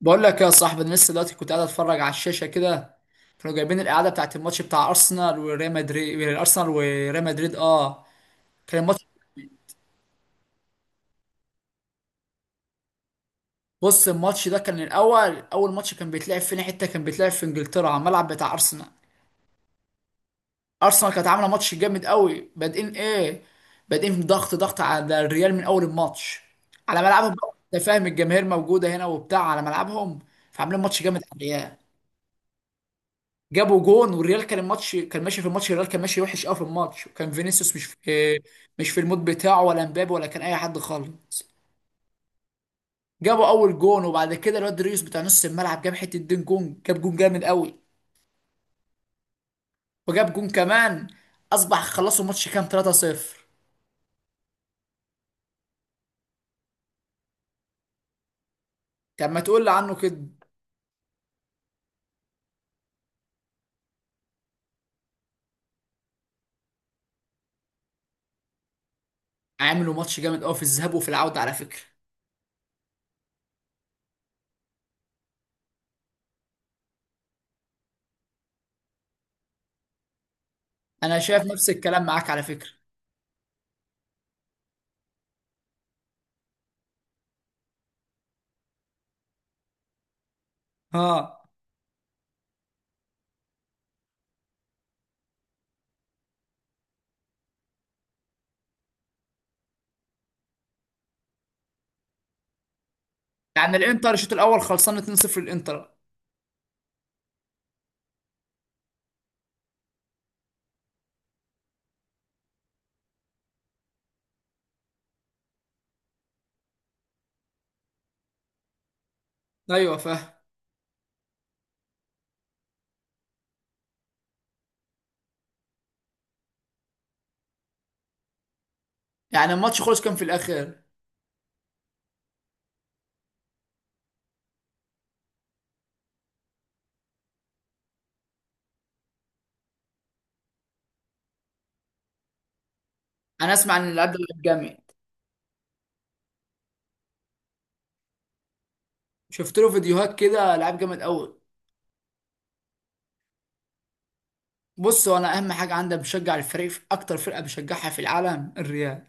بقول لك يا صاحبي، انا لسه دلوقتي كنت قاعد اتفرج على الشاشه كده. كانوا جايبين القعده بتاعت الماتش بتاع ارسنال وريال مدريد كان الماتش. بص الماتش ده كان اول ماتش، كان بيتلعب فين؟ حته كان بيتلعب في انجلترا على الملعب بتاع ارسنال. ارسنال كانت عامله ماتش جامد قوي، بادئين ضغط على الريال من اول الماتش، على ملعبهم بقى. انت فاهم؟ الجماهير موجوده هنا وبتاع على ملعبهم، فعاملين ماتش جامد على الريال. جابوا جون، والريال كان الماتش، كان ماشي في الماتش، الريال كان ماشي وحش قوي في الماتش، وكان فينيسيوس مش في المود بتاعه، ولا مبابي، ولا كان اي حد خالص. جابوا اول جون، وبعد كده الواد ريوس بتاع نص الملعب جاب حته دين جون، جاب جون جامد قوي، وجاب جون كمان، اصبح خلصوا الماتش كام؟ 3-0. طب ما تقول لي عنه كده. عملوا ماتش جامد قوي في الذهاب وفي العوده على فكره. انا شايف نفس الكلام معاك على فكره. ها؟ يعني الانتر الشوط الاول خلصان 2-0 الانتر. ايوه، فاهم. يعني الماتش خلص كام في الاخر؟ انا اسمع عن اللاعب ده، لعيب جامد. شفت له فيديوهات كده، لعيب جامد قوي. بص هو انا اهم حاجه عندي بشجع الفريق، في اكتر فرقه بشجعها في العالم الريال.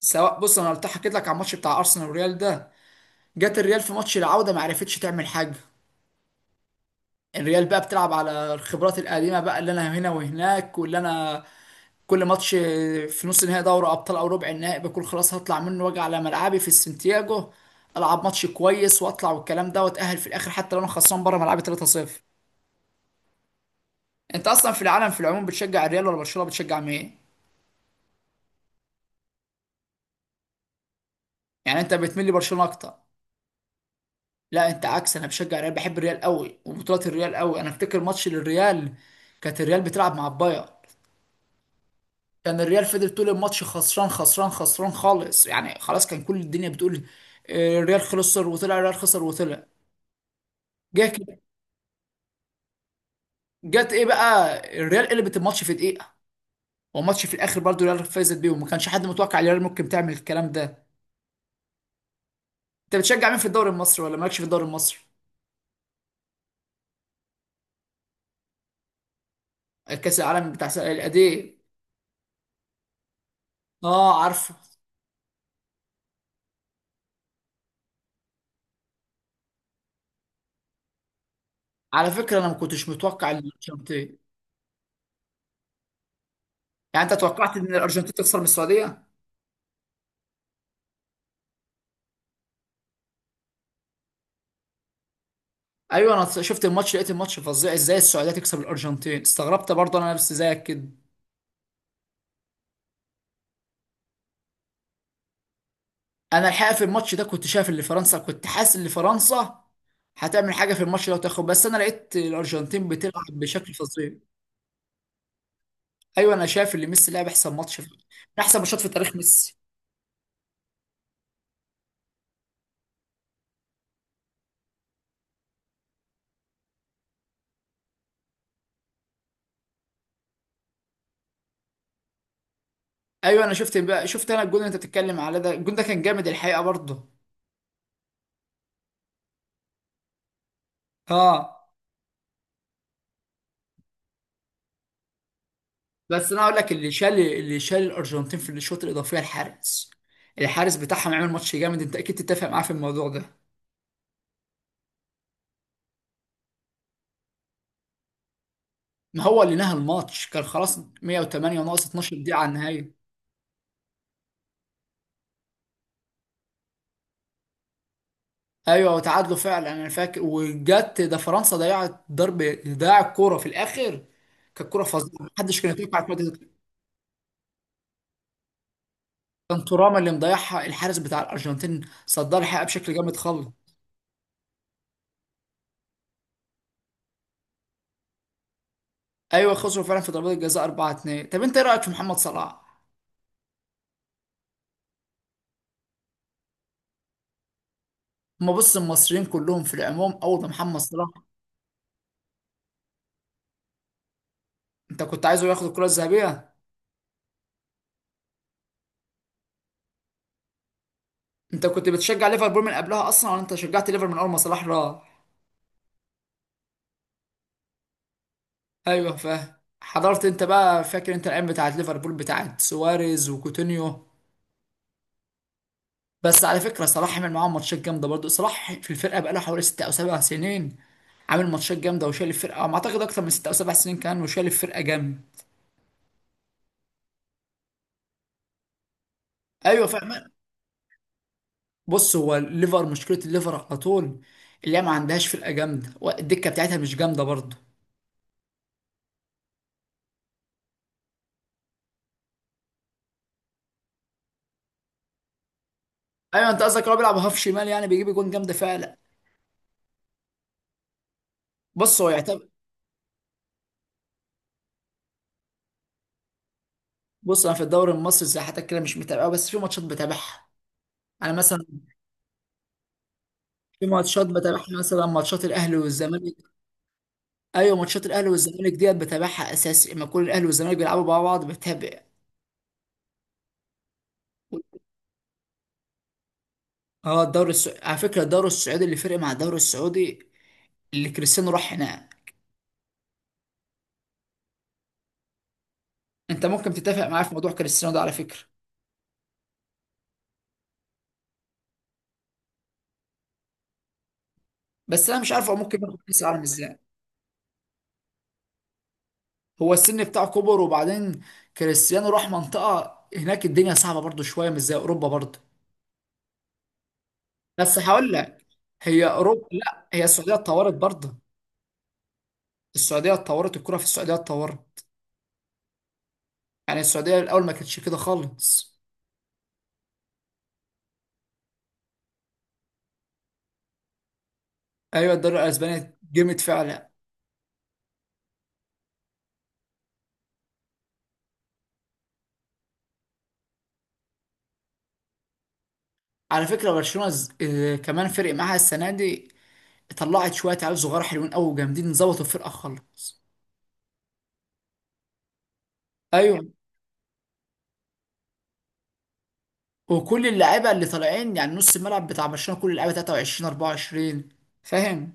سواء بص انا حكيت لك على الماتش بتاع ارسنال والريال ده. جت الريال في ماتش العوده ما عرفتش تعمل حاجه. الريال بقى بتلعب على الخبرات القديمه بقى، اللي انا هنا وهناك، واللي انا كل ماتش في نص نهائي دوري ابطال او ربع النهائي بكون خلاص هطلع منه، واجي على ملعبي في السنتياجو العب ماتش كويس واطلع والكلام ده، واتاهل في الاخر، حتى لو انا خسران بره ملعبي 3-0. انت اصلا في العالم في العموم بتشجع الريال ولا برشلونه؟ بتشجع مين؟ يعني انت بتميل لبرشلونه اكتر. لا، انت عكس، انا بشجع الريال، بحب الريال قوي وبطولات الريال قوي. انا افتكر ماتش للريال، كانت الريال بتلعب مع البايرن. كان الريال فضل طول الماتش خسران خسران خسران خالص، يعني خلاص كان كل الدنيا بتقول: اه، الريال خسر وطلع، الريال خسر وطلع. جه كده، جت ايه بقى، الريال قلبت الماتش في دقيقه، والماتش في الاخر برضه الريال فازت بيهم، ما كانش حد متوقع الريال ممكن تعمل الكلام ده. انت بتشجع مين في الدوري المصري، ولا مالكش في الدوري المصري؟ كاس العالم بتاع الأندية. اه، عارفه. على فكره انا ما كنتش متوقع ان الارجنتين. يعني انت توقعت ان الارجنتين تخسر من السعوديه؟ ايوه، انا شفت الماتش، لقيت الماتش فظيع، ازاي السعوديه تكسب الارجنتين، استغربت برضه انا نفسي زيك كده. انا الحقيقه في الماتش ده كنت حاسس ان فرنسا هتعمل حاجه في الماتش ده وتاخد، بس انا لقيت الارجنتين بتلعب بشكل فظيع. ايوه انا شايف ان ميسي لعب احسن ماتش في من احسن ماتشات في تاريخ ميسي. ايوه انا شفت انا الجول اللي انت بتتكلم على ده، الجول ده كان جامد الحقيقه برضه. اه. بس انا هقول لك، اللي شال الارجنتين في الشوط الاضافي الحارس بتاعهم عمل ماتش جامد، انت اكيد تتفق معاه في الموضوع ده. ما هو اللي نهى الماتش كان خلاص، 108 ناقص 12 دقيقة على النهاية. ايوه وتعادلوا فعلا انا فاكر، وجت ده فرنسا ضيع الكورة في الاخر. كانت كورة فظيعة، محدش كان يتوقع الكورة دي. كان تورام اللي مضيعها، الحارس بتاع الارجنتين صدها الحقيقة بشكل جامد خالص. ايوه خسروا فعلا في ضربات الجزاء 4-2. طب انت ايه رايك في محمد صلاح؟ ما بص، المصريين كلهم في العموم اول ما محمد صلاح. انت كنت عايزه ياخد الكره الذهبيه؟ انت كنت بتشجع ليفربول من قبلها اصلا، ولا انت شجعت ليفربول من اول ما صلاح راح؟ ايوه فاهم. حضرت انت بقى؟ فاكر انت الايام بتاعت ليفربول بتاعت سواريز وكوتينيو؟ بس على فكره صلاح عمل معاهم ماتشات جامده برضه، صلاح في الفرقه بقاله حوالي 6 أو 7 سنين، عامل ماتشات جامده وشايل الفرقه، ما اعتقد اكتر من 6 أو 7 سنين كان وشايل الفرقه جامد. ايوه فاهم. بص هو الليفر، مشكله الليفر على طول اللي هي ما عندهاش فرقه جامده، والدكه بتاعتها مش جامده برضه. ايوه انت قصدك هو بيلعب هاف شمال، يعني بيجيب جون جامده فعلا. بص هو يعتبر. بص انا في الدوري المصري زي حياتك كده مش متابعه، بس في ماتشات بتابعها. انا مثلا في ماتشات بتابعها، مثلا ماتشات الاهلي والزمالك. ايوه ماتشات الاهلي والزمالك ديت بتابعها اساسي، لما يكون الاهلي والزمالك بيلعبوا مع بعض بتابع. اه، الدوري السعودي على فكره، الدوري السعودي اللي فرق مع الدوري السعودي اللي كريستيانو راح هناك. انت ممكن تتفق معايا في موضوع كريستيانو ده على فكره. بس انا مش عارف هو ممكن ياخد كاس العالم ازاي. هو السن بتاعه كبر، وبعدين كريستيانو راح منطقه هناك الدنيا صعبه برضو شويه، مش زي اوروبا برضو. بس هقول لك، هي اوروبا لا هي السعوديه اتطورت برضه، السعوديه اتطورت، الكره في السعوديه اتطورت، يعني السعوديه الاول ما كانتش كده خالص. ايوه الدوري الاسباني جامد فعلا. على فكره برشلونه كمان فرق معاها السنه دي. طلعت شويه عيال صغار حلوين قوي وجامدين، ظبطوا الفرقه خالص. ايوه وكل اللعيبه اللي طالعين يعني نص الملعب بتاع برشلونه، كل اللعيبه 23 24 فاهم.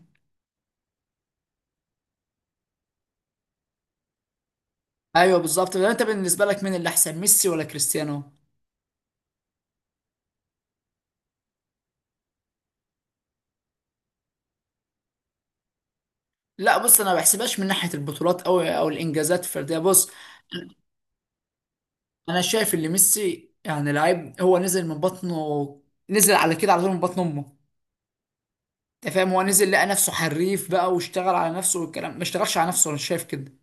ايوه بالظبط ده. انت بالنسبه لك مين اللي احسن، ميسي ولا كريستيانو؟ لا بص انا ما بحسبهاش من ناحيه البطولات او الانجازات الفرديه. بص انا شايف ان ميسي يعني لعيب، هو نزل من بطنه نزل على كده على طول من بطن امه. انت فاهم، هو نزل لقى نفسه حريف بقى، واشتغل على نفسه والكلام، ما اشتغلش على نفسه انا شايف كده.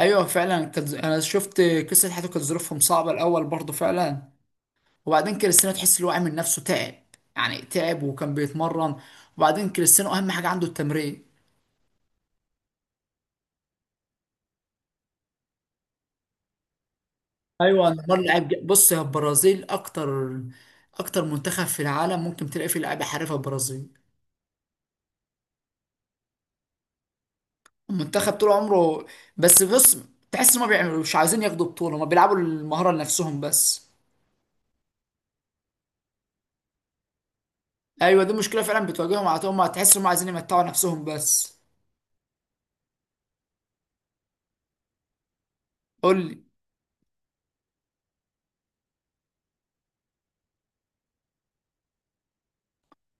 ايوه فعلا. انا شفت قصه حياته، كانت ظروفهم صعبه الاول برضه فعلا. وبعدين كريستيانو تحس اللي هو عامل نفسه تعب، يعني تعب، وكان بيتمرن. وبعدين كريستيانو اهم حاجه عنده التمرين. ايوه نيمار لعيب بص يا، البرازيل اكتر منتخب في العالم ممكن تلاقي فيه لعيبه حريفه البرازيل. المنتخب طول عمره، بس بص تحس ما بيعملوا، مش عايزين ياخدوا بطوله، ما بيلعبوا المهاره لنفسهم بس. ايوه دي مشكله فعلا بتواجههم على طول، ما تحس انهم عايزين يمتعوا نفسهم بس. قول لي.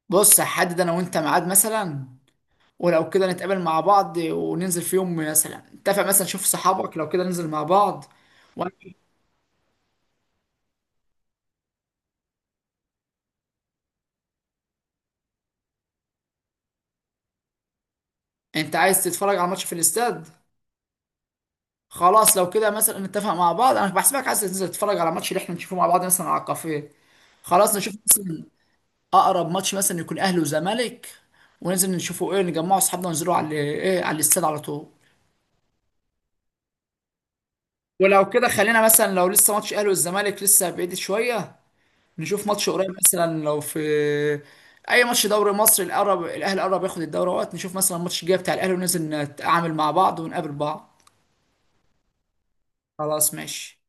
بص هحدد انا وانت ميعاد مثلا، ولو كده نتقابل مع بعض وننزل في يوم، مثلا نتفق، مثلا شوف صحابك لو كده ننزل مع بعض. وأنا- انت عايز تتفرج على ماتش في الاستاد؟ خلاص لو كده مثلا نتفق مع بعض، انا بحسبك عايز تنزل تتفرج على ماتش اللي احنا نشوفه مع بعض مثلا على الكافيه. خلاص نشوف مثلا اقرب ماتش مثلا يكون اهلي وزمالك، وننزل نشوفه ايه نجمعه اصحابنا وننزلوا على ايه، على الاستاد على طول. ولو كده خلينا مثلا، لو لسه ماتش اهلي والزمالك لسه بعيد شويه، نشوف ماتش قريب، مثلا لو في اي ماتش دوري مصر القرب، الاهلي قرب ياخد الدوري وقت نشوف مثلا الماتش الجاي بتاع الاهلي، وننزل نتعامل مع بعض ونقابل بعض. خلاص ماشي.